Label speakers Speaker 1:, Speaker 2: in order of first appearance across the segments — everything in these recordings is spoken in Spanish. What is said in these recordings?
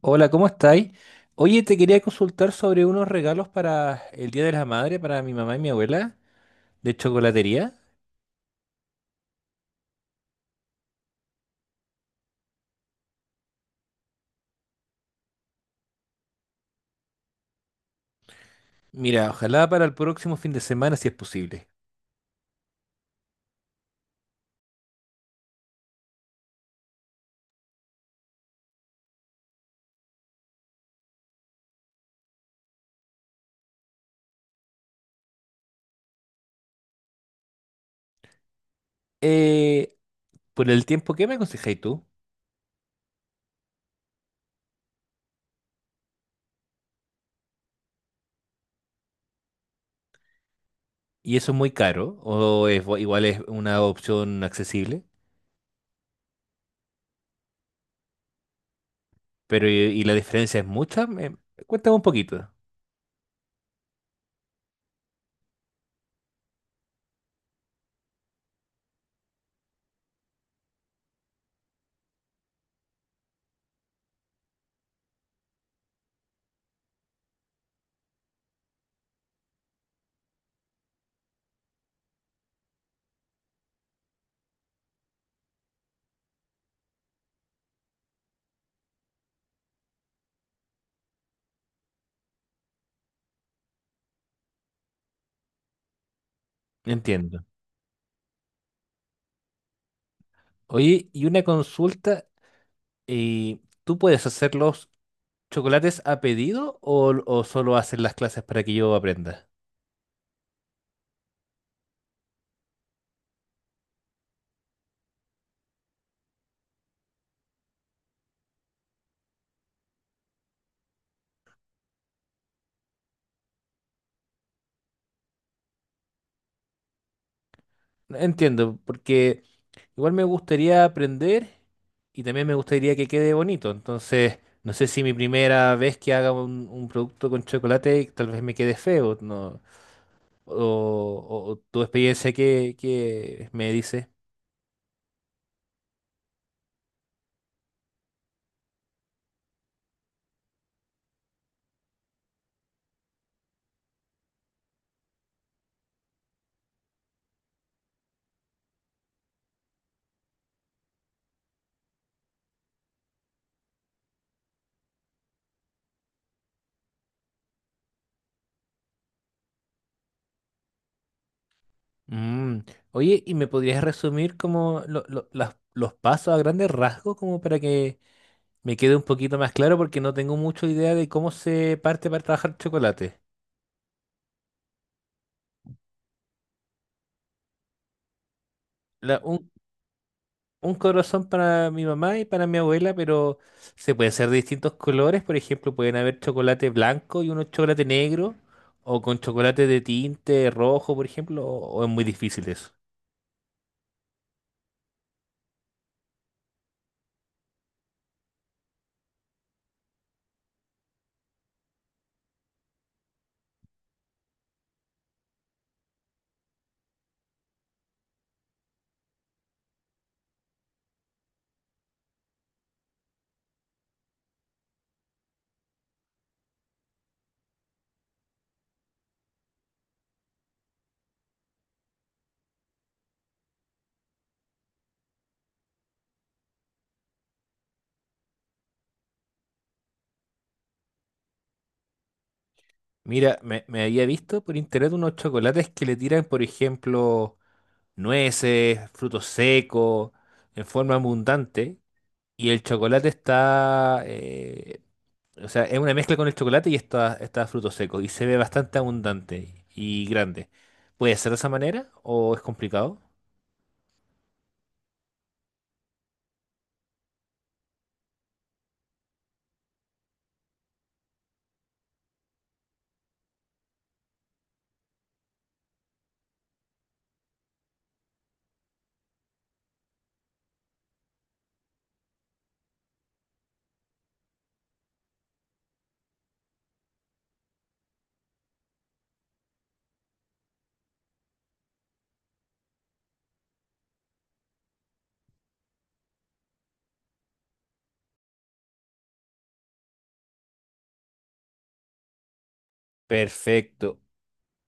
Speaker 1: Hola, ¿cómo estáis? Oye, te quería consultar sobre unos regalos para el Día de la Madre, para mi mamá y mi abuela, de chocolatería. Mira, ojalá para el próximo fin de semana, si es posible. Eh, por el tiempo, ¿qué me aconsejáis tú? ¿Y eso es muy caro? ¿O es, igual es una opción accesible? Pero, ¿y la diferencia es mucha? Cuéntame un poquito. Entiendo. Oye, y una consulta, eh, ¿tú puedes hacer los chocolates a pedido o solo haces las clases para que yo aprenda? Entiendo, porque igual me gustaría aprender y también me gustaría que quede bonito. Entonces, no sé si mi primera vez que haga un producto con chocolate tal vez me quede feo, ¿no? O, o tu experiencia que, me dice. Mm. Oye, ¿y me podrías resumir como los pasos a grandes rasgos como para que me quede un poquito más claro? Porque no tengo mucha idea de cómo se parte para trabajar chocolate. La- un un corazón para mi mamá y para mi abuela, pero se pueden hacer de distintos colores. Por ejemplo, pueden haber chocolate blanco y uno chocolate negro, o con chocolate de tinte rojo, por ejemplo, o es muy difícil eso. Mira, me había visto por internet unos chocolates que le tiran, por ejemplo, nueces, frutos secos, en forma abundante, y el chocolate está, o sea, es una mezcla con el chocolate y está fruto seco y se ve bastante abundante y grande. ¿Puede ser de esa manera o es complicado? Perfecto.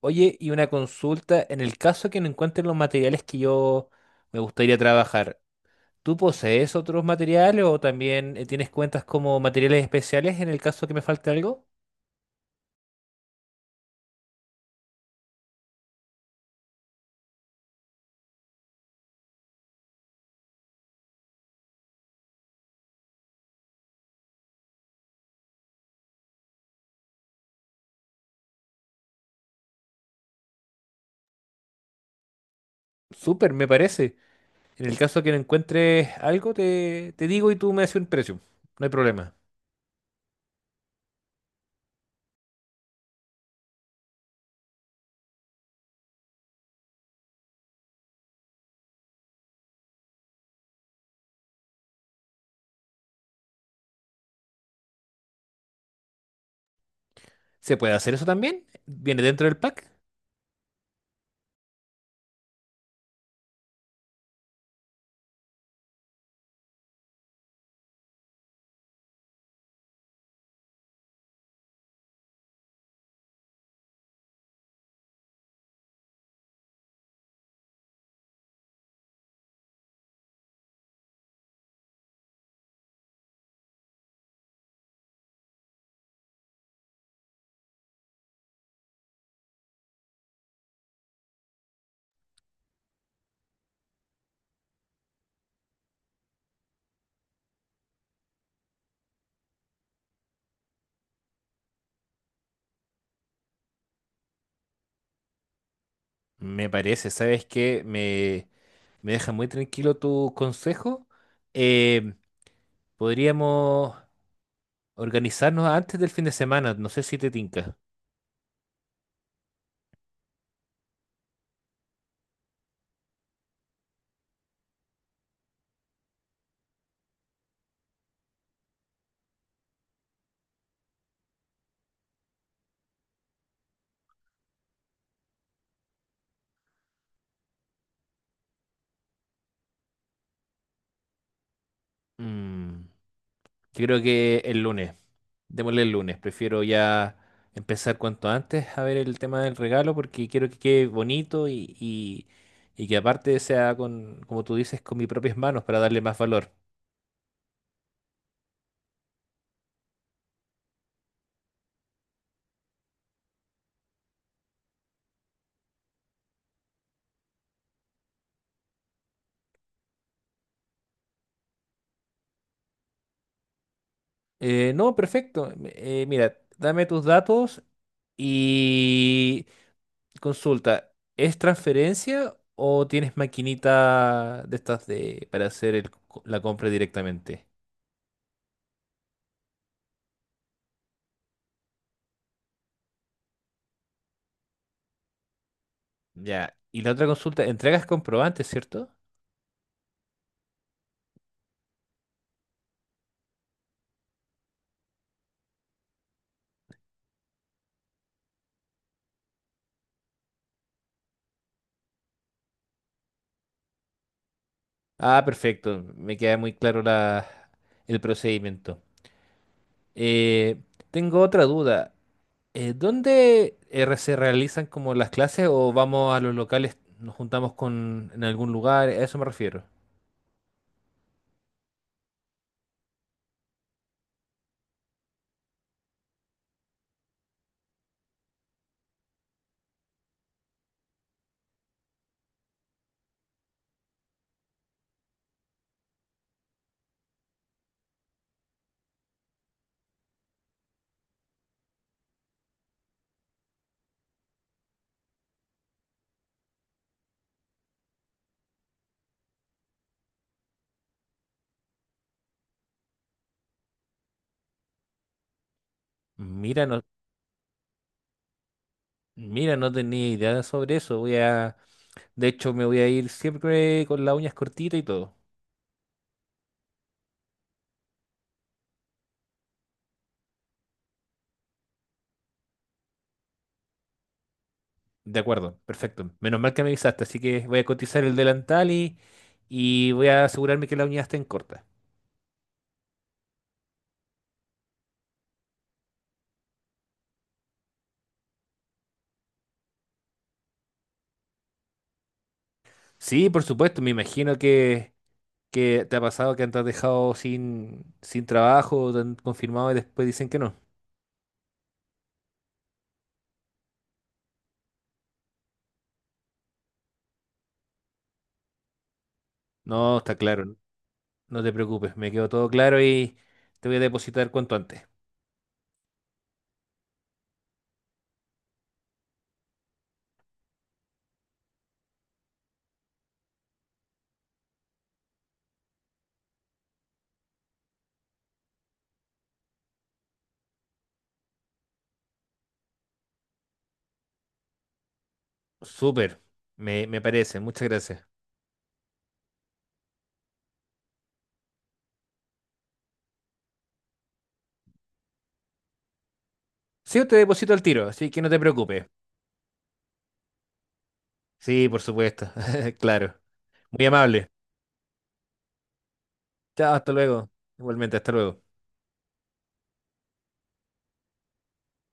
Speaker 1: Oye, y una consulta, en el caso que no encuentren los materiales que yo me gustaría trabajar, ¿tú posees otros materiales o también tienes cuentas como materiales especiales en el caso que me falte algo? Súper, me parece. En el caso que no encuentres algo, te digo y tú me haces un precio. No hay problema. ¿Se puede hacer eso también? ¿Viene dentro del pack? Me parece, ¿sabes qué? Me deja muy tranquilo tu consejo. Eh, Podríamos organizarnos antes del fin de semana, no sé si te tinca. Mm, yo creo que el lunes, démosle el lunes, prefiero ya empezar cuanto antes a ver el tema del regalo porque quiero que quede bonito y que aparte sea con, como tú dices, con mis propias manos para darle más valor. No, perfecto. Mira, dame tus datos y consulta, ¿es transferencia o tienes maquinita de estas de para hacer el la compra directamente? Ya. Y la otra consulta, entregas comprobantes, ¿cierto? Ah, perfecto. Me queda muy claro la, el procedimiento. Eh, Tengo otra duda. ¿Dónde se realizan como las clases o vamos a los locales, nos juntamos con en algún lugar? A eso me refiero. Mira, no, mira, no tenía idea sobre eso. Voy a, de hecho, me voy a ir siempre con las uñas cortitas y todo. De acuerdo, perfecto. Menos mal que me avisaste, así que voy a cotizar el delantal y voy a asegurarme que las uñas estén cortas. Sí, por supuesto, me imagino que te ha pasado que te has dejado sin trabajo, te han confirmado y después dicen que no. No, está claro, no te preocupes, me quedó todo claro y te voy a depositar cuanto antes. Súper, me parece, muchas gracias. Sí, yo te deposito al tiro, así que no te preocupes. Sí, por supuesto. Claro. Muy amable. Chao, hasta luego. Igualmente, hasta luego.